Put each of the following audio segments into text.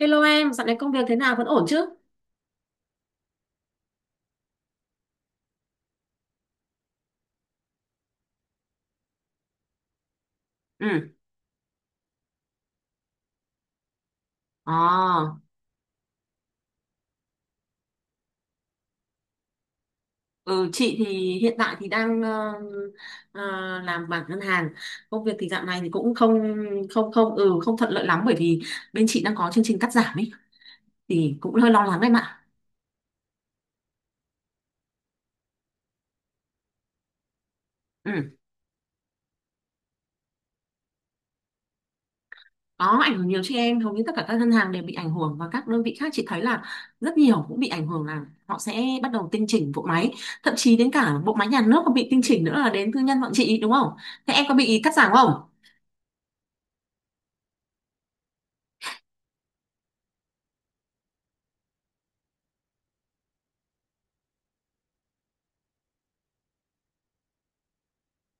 Hello em, dạo này công việc thế nào vẫn ổn chứ? Ừ. À, ừ, chị thì hiện tại thì đang ờ, làm bảng ngân hàng. Công việc thì dạo này thì cũng không không không ừ không thuận lợi lắm bởi vì bên chị đang có chương trình cắt giảm ấy thì cũng hơi lo lắng em ạ. Ừ. Có ảnh hưởng nhiều chứ em, hầu như tất cả các ngân hàng đều bị ảnh hưởng và các đơn vị khác chị thấy là rất nhiều cũng bị ảnh hưởng là họ sẽ bắt đầu tinh chỉnh bộ máy, thậm chí đến cả bộ máy nhà nước còn bị tinh chỉnh nữa là đến tư nhân bọn chị đúng không? Thế em có bị cắt giảm không?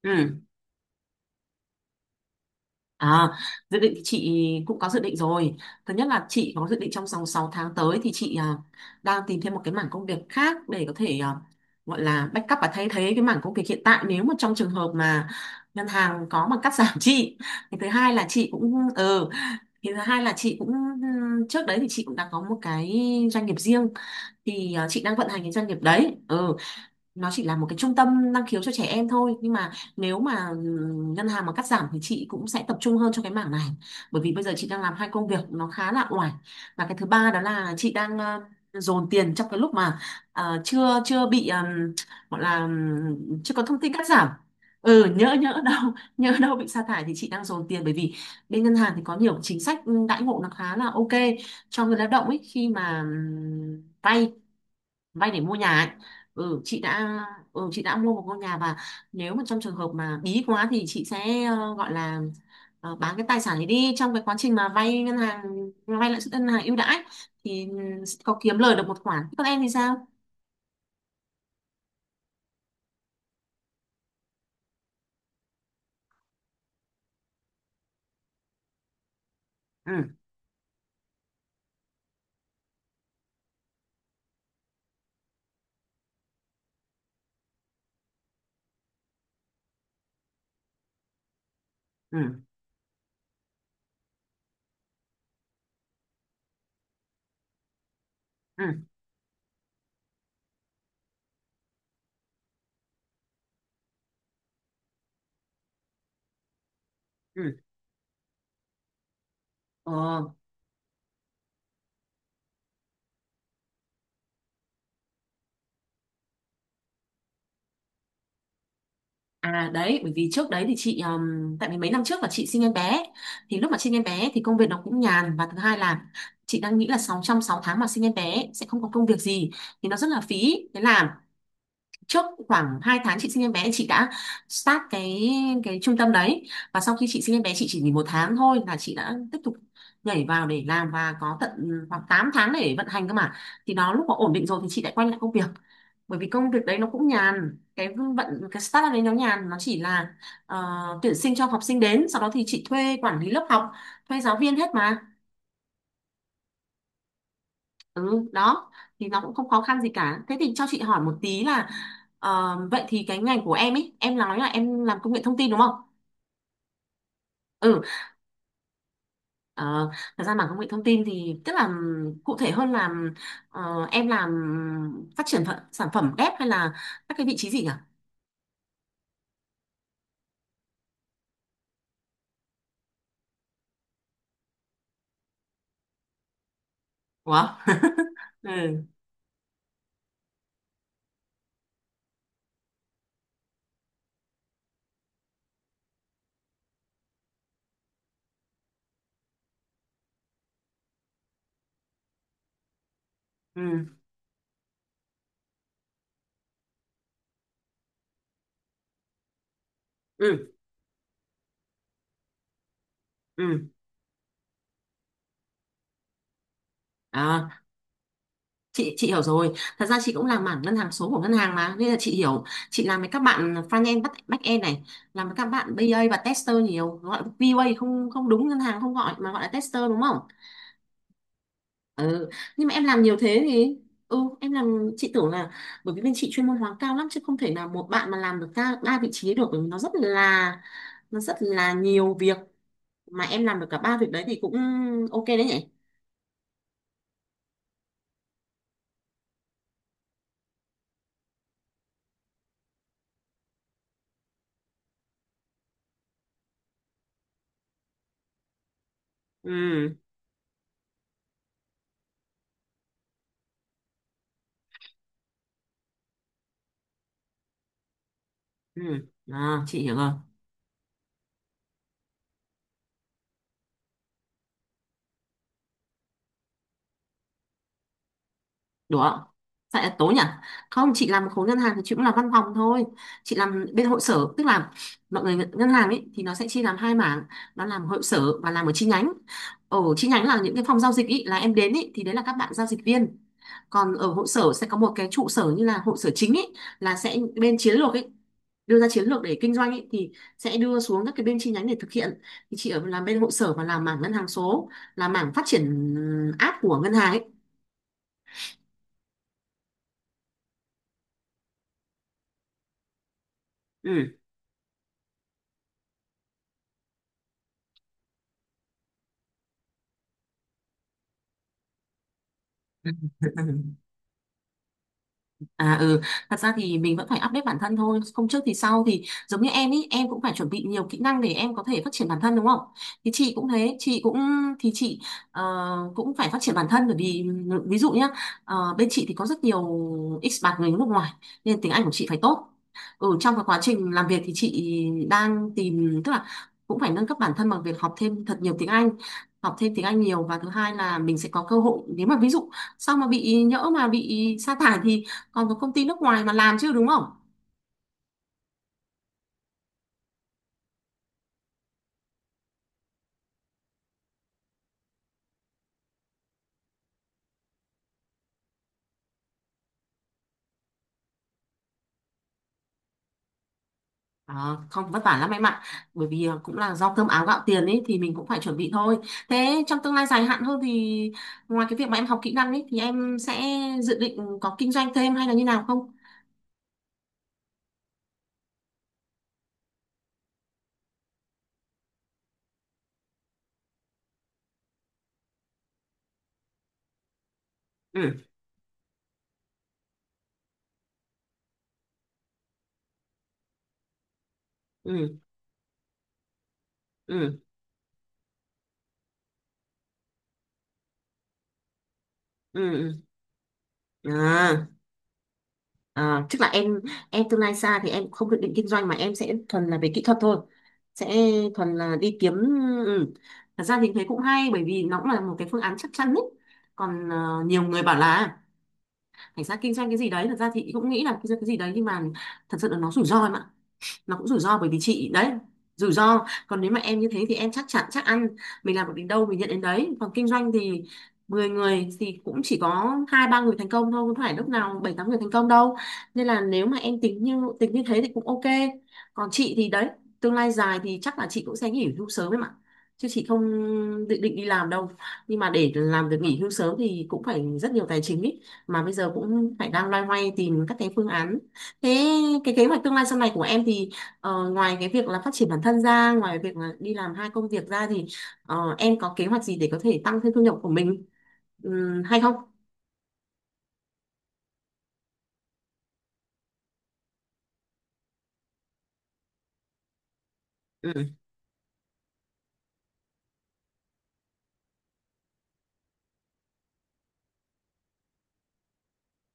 Ừ. À, dự định thì chị cũng có dự định rồi. Thứ nhất là chị có dự định trong vòng 6 tháng tới thì chị đang tìm thêm một cái mảng công việc khác để có thể gọi là backup và thay thế cái mảng công việc hiện tại nếu mà trong trường hợp mà ngân hàng có mà cắt giảm chị. Thì thứ hai là chị cũng ừ, thì thứ hai là chị cũng trước đấy thì chị cũng đã có một cái doanh nghiệp riêng thì chị đang vận hành cái doanh nghiệp đấy. Ừ, nó chỉ là một cái trung tâm năng khiếu cho trẻ em thôi nhưng mà nếu mà ngân hàng mà cắt giảm thì chị cũng sẽ tập trung hơn cho cái mảng này bởi vì bây giờ chị đang làm hai công việc nó khá là oải và cái thứ ba đó là chị đang dồn tiền trong cái lúc mà ờ, chưa chưa bị gọi là chưa có thông tin cắt giảm ừ nhỡ nhỡ đâu nhỡ đâu bị sa thải thì chị đang dồn tiền bởi vì bên ngân hàng thì có nhiều chính sách đãi ngộ nó khá là ok cho người lao động ấy khi mà vay vay để mua nhà ấy. Ừ, chị đã chị đã mua một ngôi nhà và nếu mà trong trường hợp mà bí quá thì chị sẽ gọi là bán cái tài sản ấy đi trong cái quá trình mà vay lãi suất ngân hàng ưu đãi thì ừ, sẽ có kiếm lời được một khoản. Thế còn em thì sao? Ừ, ừ, ừ, ừ. Ờ, à đấy, bởi vì trước đấy thì chị tại vì mấy năm trước là chị sinh em bé thì lúc mà sinh em bé thì công việc nó cũng nhàn và thứ hai là chị đang nghĩ là 6 tháng mà sinh em bé sẽ không có công việc gì thì nó rất là phí thế là trước khoảng 2 tháng chị sinh em bé chị đã start cái trung tâm đấy và sau khi chị sinh em bé chị chỉ nghỉ một tháng thôi là chị đã tiếp tục nhảy vào để làm và có tận khoảng 8 tháng để vận hành cơ mà thì nó lúc mà ổn định rồi thì chị lại quay lại công việc bởi vì công việc đấy nó cũng nhàn cái vận cái startup đấy nó nhàn nó chỉ là tuyển sinh cho học sinh đến sau đó thì chị thuê quản lý lớp học thuê giáo viên hết mà. Ừ, đó thì nó cũng không khó khăn gì cả. Thế thì cho chị hỏi một tí là vậy thì cái ngành của em ấy, em nói là em làm công nghệ thông tin đúng không? Ừ, ờ, thật ra mà công nghệ thông tin thì tức là cụ thể hơn là em làm phát triển sản phẩm ghép hay là các cái vị trí gì nhỉ? Ủa? ừ, ừ, ừ, ừ. Chị hiểu rồi. Thật ra chị cũng làm mảng ngân hàng số của ngân hàng mà nên là chị hiểu. Chị làm với các bạn front end back back end này, làm với các bạn BA và tester nhiều, gọi QA không? Không, đúng, ngân hàng không gọi mà gọi là tester đúng không? Ừ. Nhưng mà em làm nhiều thế thì ừ em làm chị tưởng là bởi vì bên chị chuyên môn hóa cao lắm chứ không thể nào một bạn mà làm được ba ba vị trí được bởi vì nó rất là nhiều việc mà em làm được cả ba việc đấy thì cũng ok đấy nhỉ. ừ ừ À, chị hiểu rồi. Được không? Tại là tối nhỉ? Không, chị làm khối ngân hàng thì chị cũng làm văn phòng thôi. Chị làm bên hội sở, tức là mọi người ngân hàng ấy thì nó sẽ chia làm hai mảng, nó làm hội sở và làm ở chi nhánh. Ở chi nhánh là những cái phòng giao dịch ý, là em đến ý, thì đấy là các bạn giao dịch viên. Còn ở hội sở sẽ có một cái trụ sở như là hội sở chính ý, là sẽ bên chiến lược ý, đưa ra chiến lược để kinh doanh ý, thì sẽ đưa xuống các cái bên chi nhánh để thực hiện. Thì chị ở làm bên hội sở và làm mảng ngân hàng số, là mảng phát triển app của ngân hàng ấy. Ừ. Ừ. À ừ, thật ra thì mình vẫn phải update bản thân thôi, không trước thì sau thì giống như em ý, em cũng phải chuẩn bị nhiều kỹ năng để em có thể phát triển bản thân đúng không? Thì chị cũng thế, chị cũng thì chị ờ, cũng phải phát triển bản thân bởi vì ừ, ví dụ nhá, bên chị thì có rất nhiều expat người nước ngoài nên tiếng Anh của chị phải tốt. Ừ, trong cái quá trình làm việc thì chị đang tìm tức là cũng phải nâng cấp bản thân bằng việc học thêm thật nhiều tiếng Anh, học thêm tiếng Anh nhiều và thứ hai là mình sẽ có cơ hội nếu mà ví dụ sau mà bị nhỡ mà bị sa thải thì còn có công ty nước ngoài mà làm chứ đúng không? Ờ, Không vất vả lắm em ạ bởi vì cũng là do cơm áo gạo tiền ấy thì mình cũng phải chuẩn bị thôi. Thế trong tương lai dài hạn hơn thì ngoài cái việc mà em học kỹ năng ấy thì em sẽ dự định có kinh doanh thêm hay là như nào không? Ừ ừ ừ ừ ừ à, À tức là em tương lai xa thì em không dự định kinh doanh mà em sẽ thuần là về kỹ thuật thôi, sẽ thuần là đi kiếm. Ừ. Thật ra thì thấy cũng hay bởi vì nó cũng là một cái phương án chắc chắn ấy, còn nhiều người bảo là cảnh sát kinh doanh cái gì đấy thật ra thì cũng nghĩ là kinh doanh cái gì đấy nhưng mà thật sự là nó rủi ro em ạ, nó cũng rủi ro bởi vì chị đấy rủi ro. Còn nếu mà em như thế thì em chắc chắn chắc ăn, mình làm được đến đâu mình nhận đến đấy còn kinh doanh thì 10 người thì cũng chỉ có hai ba người thành công thôi không phải lúc nào bảy tám người thành công đâu, nên là nếu mà em tính như thế thì cũng ok. Còn chị thì đấy, tương lai dài thì chắc là chị cũng sẽ nghỉ hưu sớm em ạ chứ chị không dự định đi làm đâu, nhưng mà để làm được nghỉ hưu sớm thì cũng phải rất nhiều tài chính ý, mà bây giờ cũng phải đang loay hoay tìm các cái phương án. Thế cái kế hoạch tương lai sau này của em thì ngoài cái việc là phát triển bản thân ra ngoài việc là đi làm hai công việc ra thì em có kế hoạch gì để có thể tăng thêm thu nhập của mình, ừm, hay không? ừ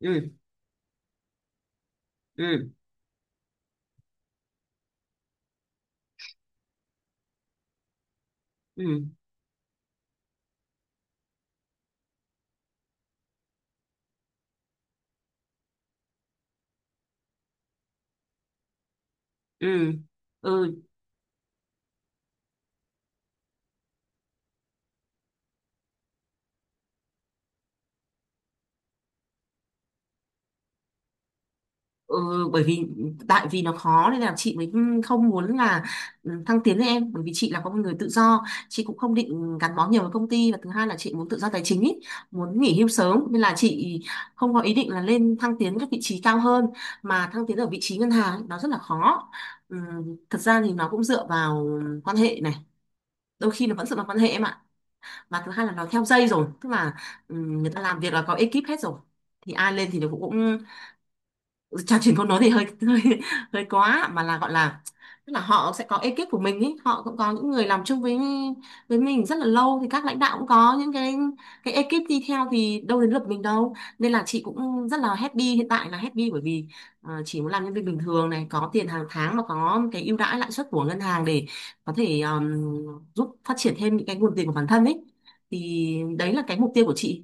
ừ ừ ừ ừ ừ Ừ, bởi vì tại vì nó khó nên là chị mới không muốn là ừ, thăng tiến với em bởi vì chị là có một người tự do chị cũng không định gắn bó nhiều với công ty và thứ hai là chị muốn tự do tài chính ý, muốn nghỉ hưu sớm nên là chị không có ý định là lên thăng tiến các vị trí cao hơn, mà thăng tiến ở vị trí ngân hàng ấy, nó rất là khó. Ừ, thật ra thì nó cũng dựa vào quan hệ này, đôi khi nó vẫn dựa vào quan hệ em ạ, và thứ hai là nó theo dây rồi tức là ừ, người ta làm việc là có ekip hết rồi, thì ai lên thì nó cũng trò chuyện câu nói thì hơi hơi hơi quá mà là gọi là tức là họ sẽ có ekip của mình ý, họ cũng có những người làm chung với mình rất là lâu thì các lãnh đạo cũng có những cái ekip đi theo thì đâu đến lượt mình đâu, nên là chị cũng rất là happy, hiện tại là happy bởi vì chỉ muốn làm nhân viên bình thường này có tiền hàng tháng và có cái ưu đãi lãi suất của ngân hàng để có thể giúp phát triển thêm những cái nguồn tiền của bản thân ấy, thì đấy là cái mục tiêu của chị.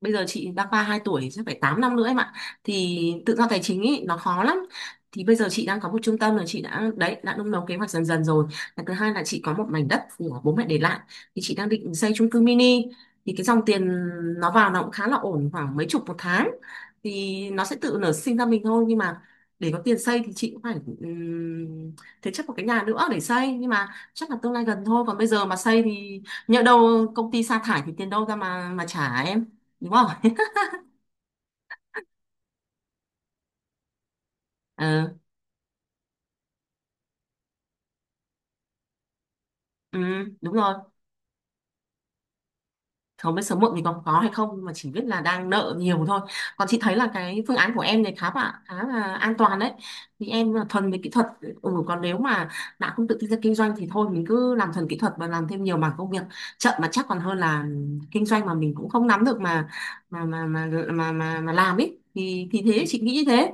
Bây giờ chị đang ba hai tuổi chắc phải 8 năm nữa em ạ, thì tự do tài chính ý, nó khó lắm. Thì bây giờ chị đang có một trung tâm là chị đã đấy đã nung nấu kế hoạch dần dần rồi, và thứ hai là chị có một mảnh đất của bố mẹ để lại thì chị đang định xây chung cư mini, thì cái dòng tiền nó vào nó cũng khá là ổn khoảng mấy chục một tháng, thì nó sẽ tự nở sinh ra mình thôi nhưng mà để có tiền xây thì chị cũng phải um, thế chấp một cái nhà nữa để xây, nhưng mà chắc là tương lai gần thôi còn bây giờ mà xây thì nhỡ đâu công ty sa thải thì tiền đâu ra mà trả em. Đúng rồi. Ừ, ừ, đúng rồi, không biết sớm muộn thì còn có hay không nhưng mà chỉ biết là đang nợ nhiều thôi. Còn chị thấy là cái phương án của em này khá là an toàn đấy, vì em là thuần về kỹ thuật. Ừ, còn nếu mà đã không tự tin ra kinh doanh thì thôi mình cứ làm thuần kỹ thuật và làm thêm nhiều mảng công việc, chậm mà chắc còn hơn là kinh doanh mà mình cũng không nắm được mà mà làm ấy thì thế chị nghĩ như thế.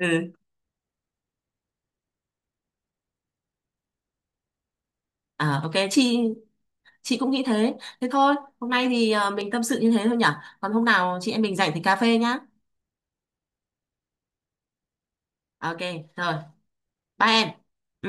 Ừ. À, ok chị cũng nghĩ thế. Thôi hôm nay thì mình tâm sự như thế thôi nhỉ, còn hôm nào chị em mình rảnh thì cà phê nhá. Ok, rồi, bye em. Ừ.